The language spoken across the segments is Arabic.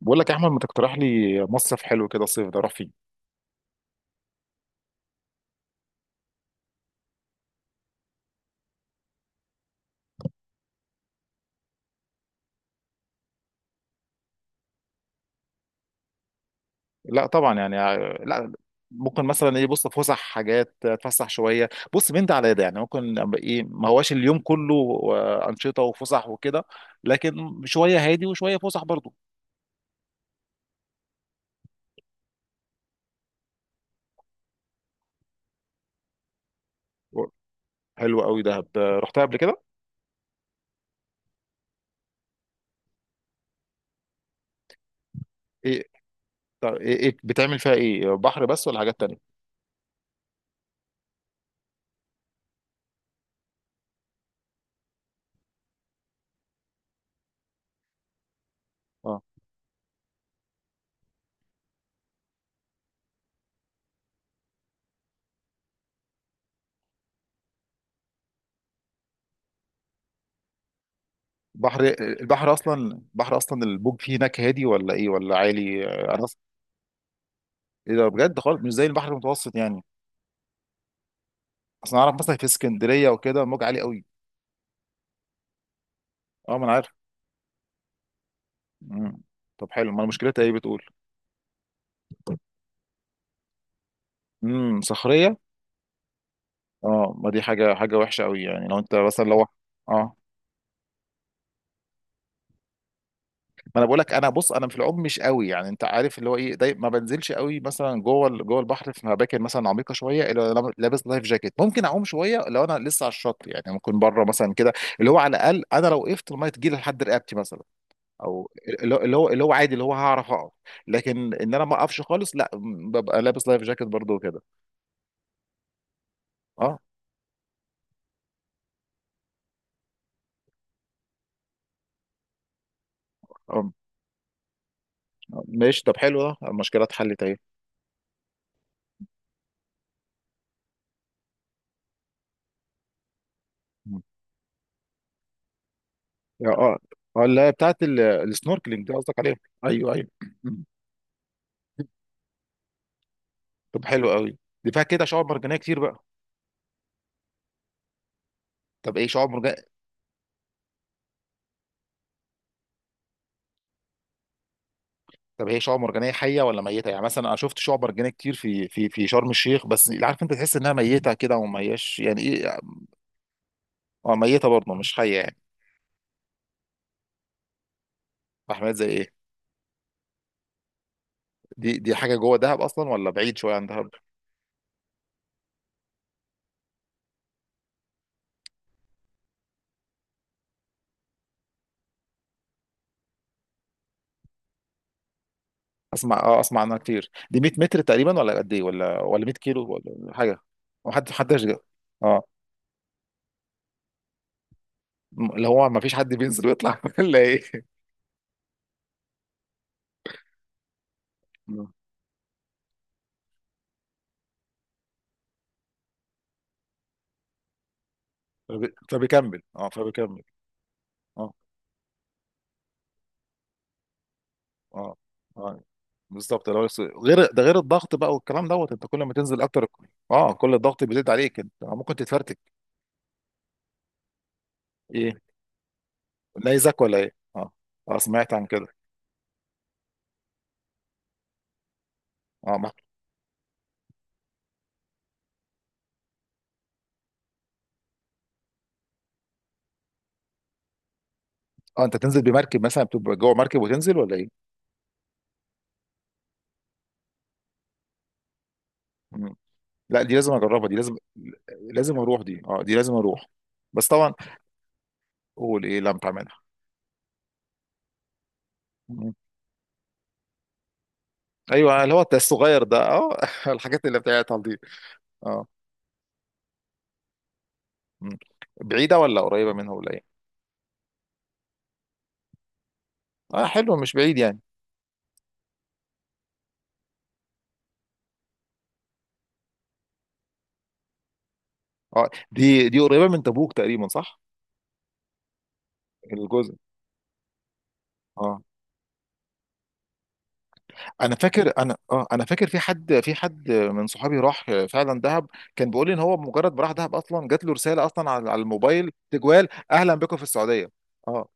بقول لك يا احمد، ما تقترح لي مصيف حلو كده الصيف ده اروح فيه؟ لا طبعا، يعني لا. ممكن مثلا ايه، بص، فسح، حاجات اتفسح شويه، بص، من ده على ده. يعني ممكن أبقى ايه، ما هواش اليوم كله انشطه وفسح وكده. لكن شويه هادي وشويه فسح برضو. حلو قوي دهب، رحتها قبل كده. ايه؟ طب ايه، بتعمل فيها ايه، بحر بس ولا حاجات تانية؟ اه. بحر، البحر اصلا البوج فيه هناك هادي ولا ايه ولا عالي؟ انا ايه ده؟ بجد خالص مش زي البحر المتوسط يعني. اصل انا اعرف مثلا في اسكندريه وكده الموج عالي قوي. اه، ما انا عارف. مم. طب حلو، ما مشكلتها ايه بتقول؟ صخريه. اه، ما دي حاجه وحشه قوي يعني، لو انت مثلا اه، ما انا بقول لك، انا بص، انا في العوم مش قوي، يعني انت عارف اللي هو ايه، دايما ما بنزلش قوي مثلا جوه جوه البحر في اماكن مثلا عميقه شويه، الا لو لابس لايف جاكيت ممكن اعوم شويه. لو انا لسه على الشط يعني، ممكن بره مثلا كده. اللي هو على الاقل، انا لو وقفت الميه تجيلي لحد رقبتي مثلا. او اللي هو عادي اللي هو هعرف اقف. لكن ان انا ما اقفش خالص، لا، ببقى لابس لايف جاكيت برضو وكده. اه. آه، ماشي. طب حلو، ده المشكله اتحلت اهي. مم. اه. اه، اللي هي بتاعت السنوركلينج دي قصدك عليها. ايوه، ايوه. مم. طب حلو قوي. دي فيها كده شعاب مرجانيه كتير بقى؟ طب ايه شعاب مرجانيه؟ طب هي شعاب مرجانيه حيه ولا ميته؟ يعني مثلا انا شفت شعاب مرجانيه كتير في في شرم الشيخ، بس اللي عارف، انت تحس انها ميته كده وما هياش، يعني ايه. اه، ميته برضه مش حيه يعني. احمد، زي ايه؟ دي حاجه جوه دهب اصلا ولا بعيد شويه عن دهب؟ اسمع، اسمع عنها كتير. دي 100 متر تقريبا ولا قد ايه، ولا 100 كيلو ولا حاجه؟ ما حد حدش جا. اه. اللي هو ما فيش حد بينزل ويطلع ولا ايه؟ مم. فبيكمل، فبيكمل. اه، اه. اه، بالظبط. غير ده، غير الضغط بقى والكلام دوت، انت كل ما تنزل اكتر. اه، كل الضغط بيزيد عليك، انت ممكن تتفرتك. ايه، نيزك ولا ايه؟ اه. اه، سمعت عن كده. اه، اه، انت تنزل بمركب مثلا، بتبقى جوه مركب وتنزل ولا ايه؟ لا، دي لازم اجربها، دي لازم. لازم اروح دي، اه، دي لازم اروح. بس طبعا. قول ايه لم تعملها. مم. ايوه، اللي هو التست الصغير ده، اه الحاجات اللي بتاعتها دي. اه. مم. بعيده ولا قريبه منها ولا ايه؟ اه حلو، مش بعيد يعني. اه، دي قريبه من تبوك تقريبا، صح؟ الجزء. اه، انا فاكر، انا فاكر، في حد، من صحابي راح فعلا دهب. كان بيقول لي ان هو مجرد ما راح دهب، اصلا جات له رساله اصلا على الموبايل تجوال، اهلا بكم في السعوديه. اه.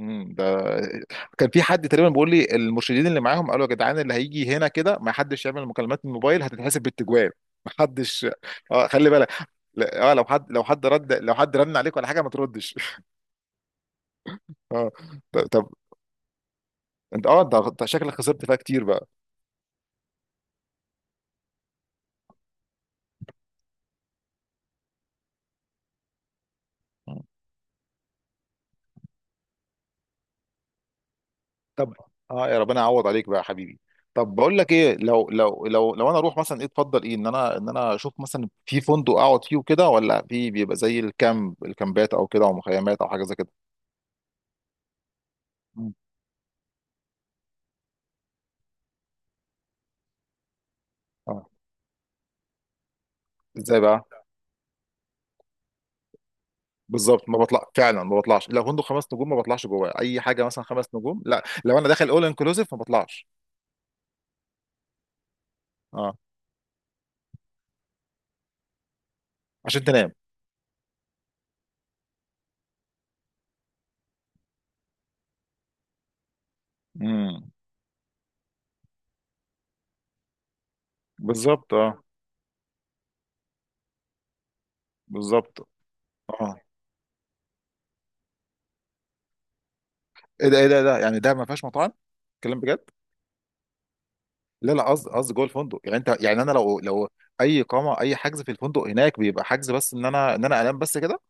ده. كان في حد تقريبا بيقول لي المرشدين اللي معاهم قالوا يا جدعان، اللي هيجي هنا كده ما حدش يعمل مكالمات من الموبايل، هتتحسب بالتجوال. ما حدش. اه، خلي بالك. لا، اه، لو حد، رد، لو حد رن عليك ولا حاجه، ما تردش. اه. طب، طب. انت اه انت أنت شكلك خسرت فيها كتير بقى. مم. طب. اه، يا ربنا يعوض عليك بقى يا حبيبي. طب، بقول لك ايه، لو انا اروح مثلا، ايه تفضل، ايه ان انا اشوف مثلا في فندق اقعد فيه وكده، ولا في بيبقى زي الكامب، الكامبات او كده، او مخيمات او حاجه زي كده؟ مم. اه. ازاي بقى؟ بالظبط، ما بطلع فعلا، ما بطلعش. لو فندق خمس نجوم، ما بطلعش جواه اي حاجه. مثلا خمس نجوم، لا، لو انا داخل اول انكلوسيف ما بطلعش. اه، عشان تنام. امم. بالظبط، اه. بالظبط. اه، ايه ده، ايه ده إيه ده يعني ده ما فيهاش مطاعم؟ كلام بجد. لا، لا، قصدي، جوه الفندق يعني. انت يعني، انا لو اي اقامه، اي حجز في الفندق هناك بيبقى حجز بس، ان انا، انام بس كده.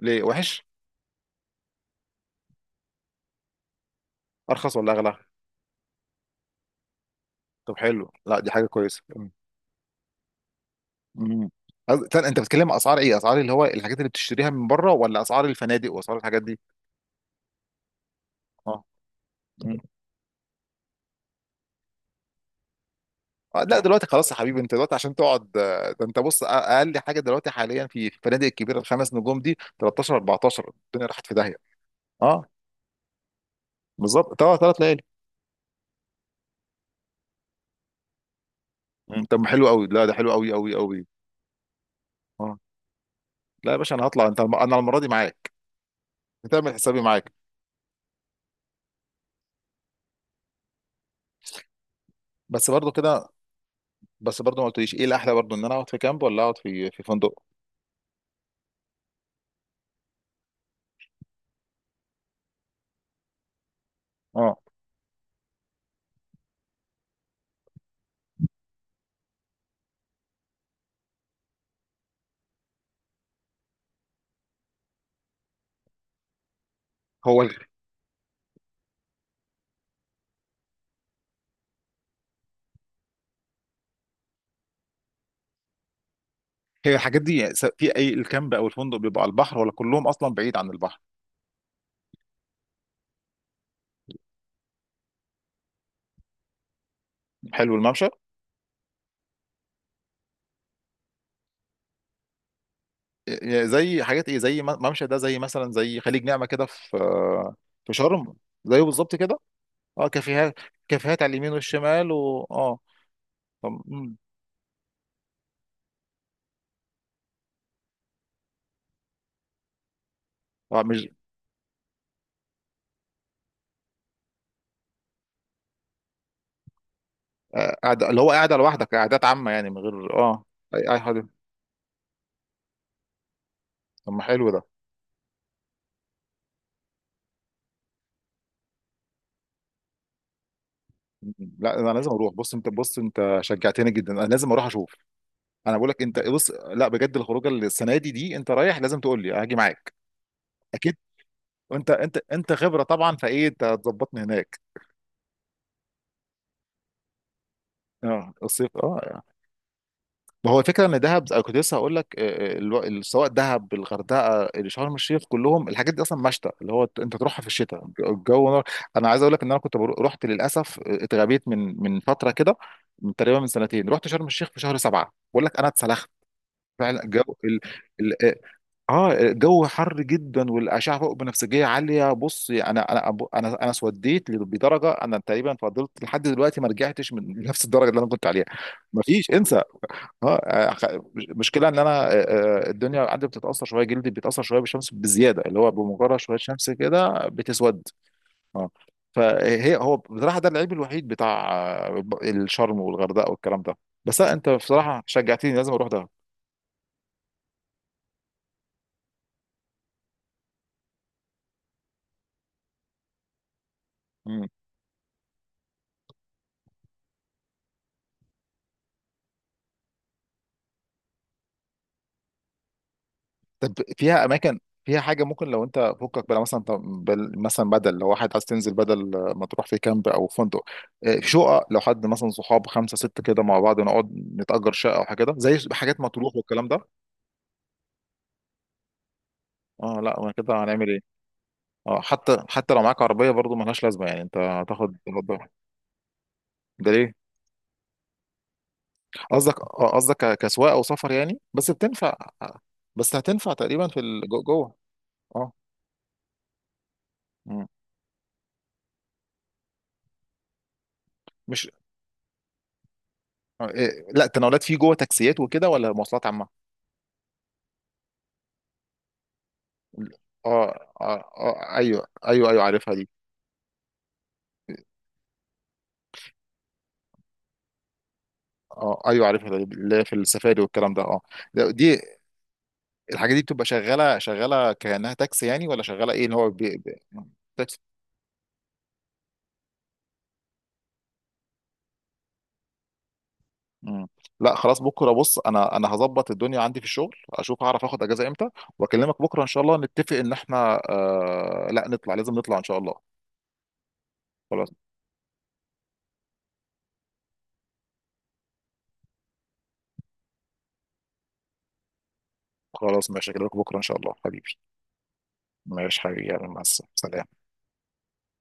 ليه وحش؟ ارخص ولا اغلى؟ طب حلو، لا دي حاجه كويسه. مم. استنى، انت بتتكلم اسعار ايه، اسعار اللي هو الحاجات اللي بتشتريها من بره، ولا اسعار الفنادق واسعار الحاجات دي؟ اه. مم. لا دلوقتي خلاص يا حبيبي. انت دلوقتي عشان تقعد، ده انت بص، اقل حاجه دلوقتي حاليا في الفنادق الكبيره الخمس نجوم دي، 13 14. الدنيا راحت في داهيه. اه، بالظبط، ثلاث ليالي. مم. طب ما حلو قوي، لا ده حلو قوي قوي قوي. اه. لا يا باشا، انا هطلع. انا المره دي معاك. هتعمل حسابي معاك. بس برضو كده. بس برضو ما قلتليش، ايه الاحلى برضو، ان انا اقعد في كامب ولا اقعد في فندق؟ اه. هو. هي الحاجات دي، في اي، الكامب او الفندق بيبقى على البحر ولا كلهم اصلا بعيد عن البحر؟ حلو، الممشى. زي حاجات ايه، زي ممشى ده زي مثلا، زي خليج نعمة كده في. في شرم. زيه بالظبط كده. اه، كافيهات. كافيهات على اليمين والشمال و طب. مم. اه، مش. قاعد اللي هو قاعدة لوحدك، قعدات عامة يعني من غير اي، حد. طب ما حلو ده. مم. لا، انا لازم اروح. بص انت، شجعتني جدا، انا لازم اروح اشوف. انا بقول لك، انت بص، لا، بجد الخروجه السنه دي، انت رايح، لازم تقول لي هاجي معاك. وانت، انت انت خبره طبعا فايه انت هتظبطني هناك. اه، الصيف اه. ما هو الفكره ان دهب، انا كنت لسه هقول لك، سواء دهب، الغردقه، شرم الشيخ، كلهم الحاجات دي اصلا مشتى، اللي هو انت تروحها في الشتاء، الجو نار. انا عايز اقول لك ان انا كنت رحت للاسف، اتغبيت من فتره كده. من تقريبا من سنتين، رحت شرم الشيخ في شهر سبعه، بقول لك انا اتسلخت فعلا. الجو، اه جو حر جدا والاشعه فوق بنفسجيه عاليه. بص، انا، انا اسوديت بدرجه، انا تقريبا فضلت لحد دلوقتي ما رجعتش من نفس الدرجه اللي انا كنت عليها. ما فيش، انسى. اه، مشكله ان انا، الدنيا عندي بتتاثر شويه، جلدي بيتاثر شويه بالشمس بزياده، اللي هو بمجرد شويه شمس كده بتسود. اه. فهي هو بصراحه، ده العيب الوحيد بتاع الشرم والغردقه والكلام ده. بس لا، انت بصراحه شجعتني، لازم اروح ده. طب فيها اماكن، فيها حاجه ممكن، لو انت فكك بقى، مثلا طب مثلا بدل، لو واحد عايز تنزل، بدل ما تروح في كامب او فندق، في شقق، لو حد مثلا صحاب خمسه سته كده مع بعض نقعد نتأجر شقه او حاجه كده، زي حاجات مطروح والكلام ده. اه، لا ما كده هنعمل ايه. اه حتى حتى لو معاك عربيه، برضو ملهاش لازمه يعني، انت هتاخد. ده ليه؟ قصدك، كسواقه او سفر يعني، بس بتنفع. بس هتنفع تقريبا في جوه. اه. مم. مش، آه، إيه، لا، تناولات فيه جوه، تاكسيات وكده، ولا مواصلات عامه؟ اه، اه، اه، ايوه، ايوه، ايوه، عارفها دي. اه، ايوه، عارفها دي، اللي هي في السفاري والكلام ده، اه. دي الحاجات دي بتبقى شغاله، شغاله كانها تاكسي يعني، ولا شغاله ايه، ان هو بي… بي… تاكسي. مم. لا، خلاص بكره، بص انا، هظبط الدنيا عندي في الشغل، اشوف هعرف اخد اجازه امتى واكلمك بكره ان شاء الله، نتفق ان احنا، لا نطلع، لازم نطلع ان شاء الله. خلاص. خلاص ماشي، اكلمك بكره ان شاء الله حبيبي. ماشي حبيبي، يلا مع السلامه.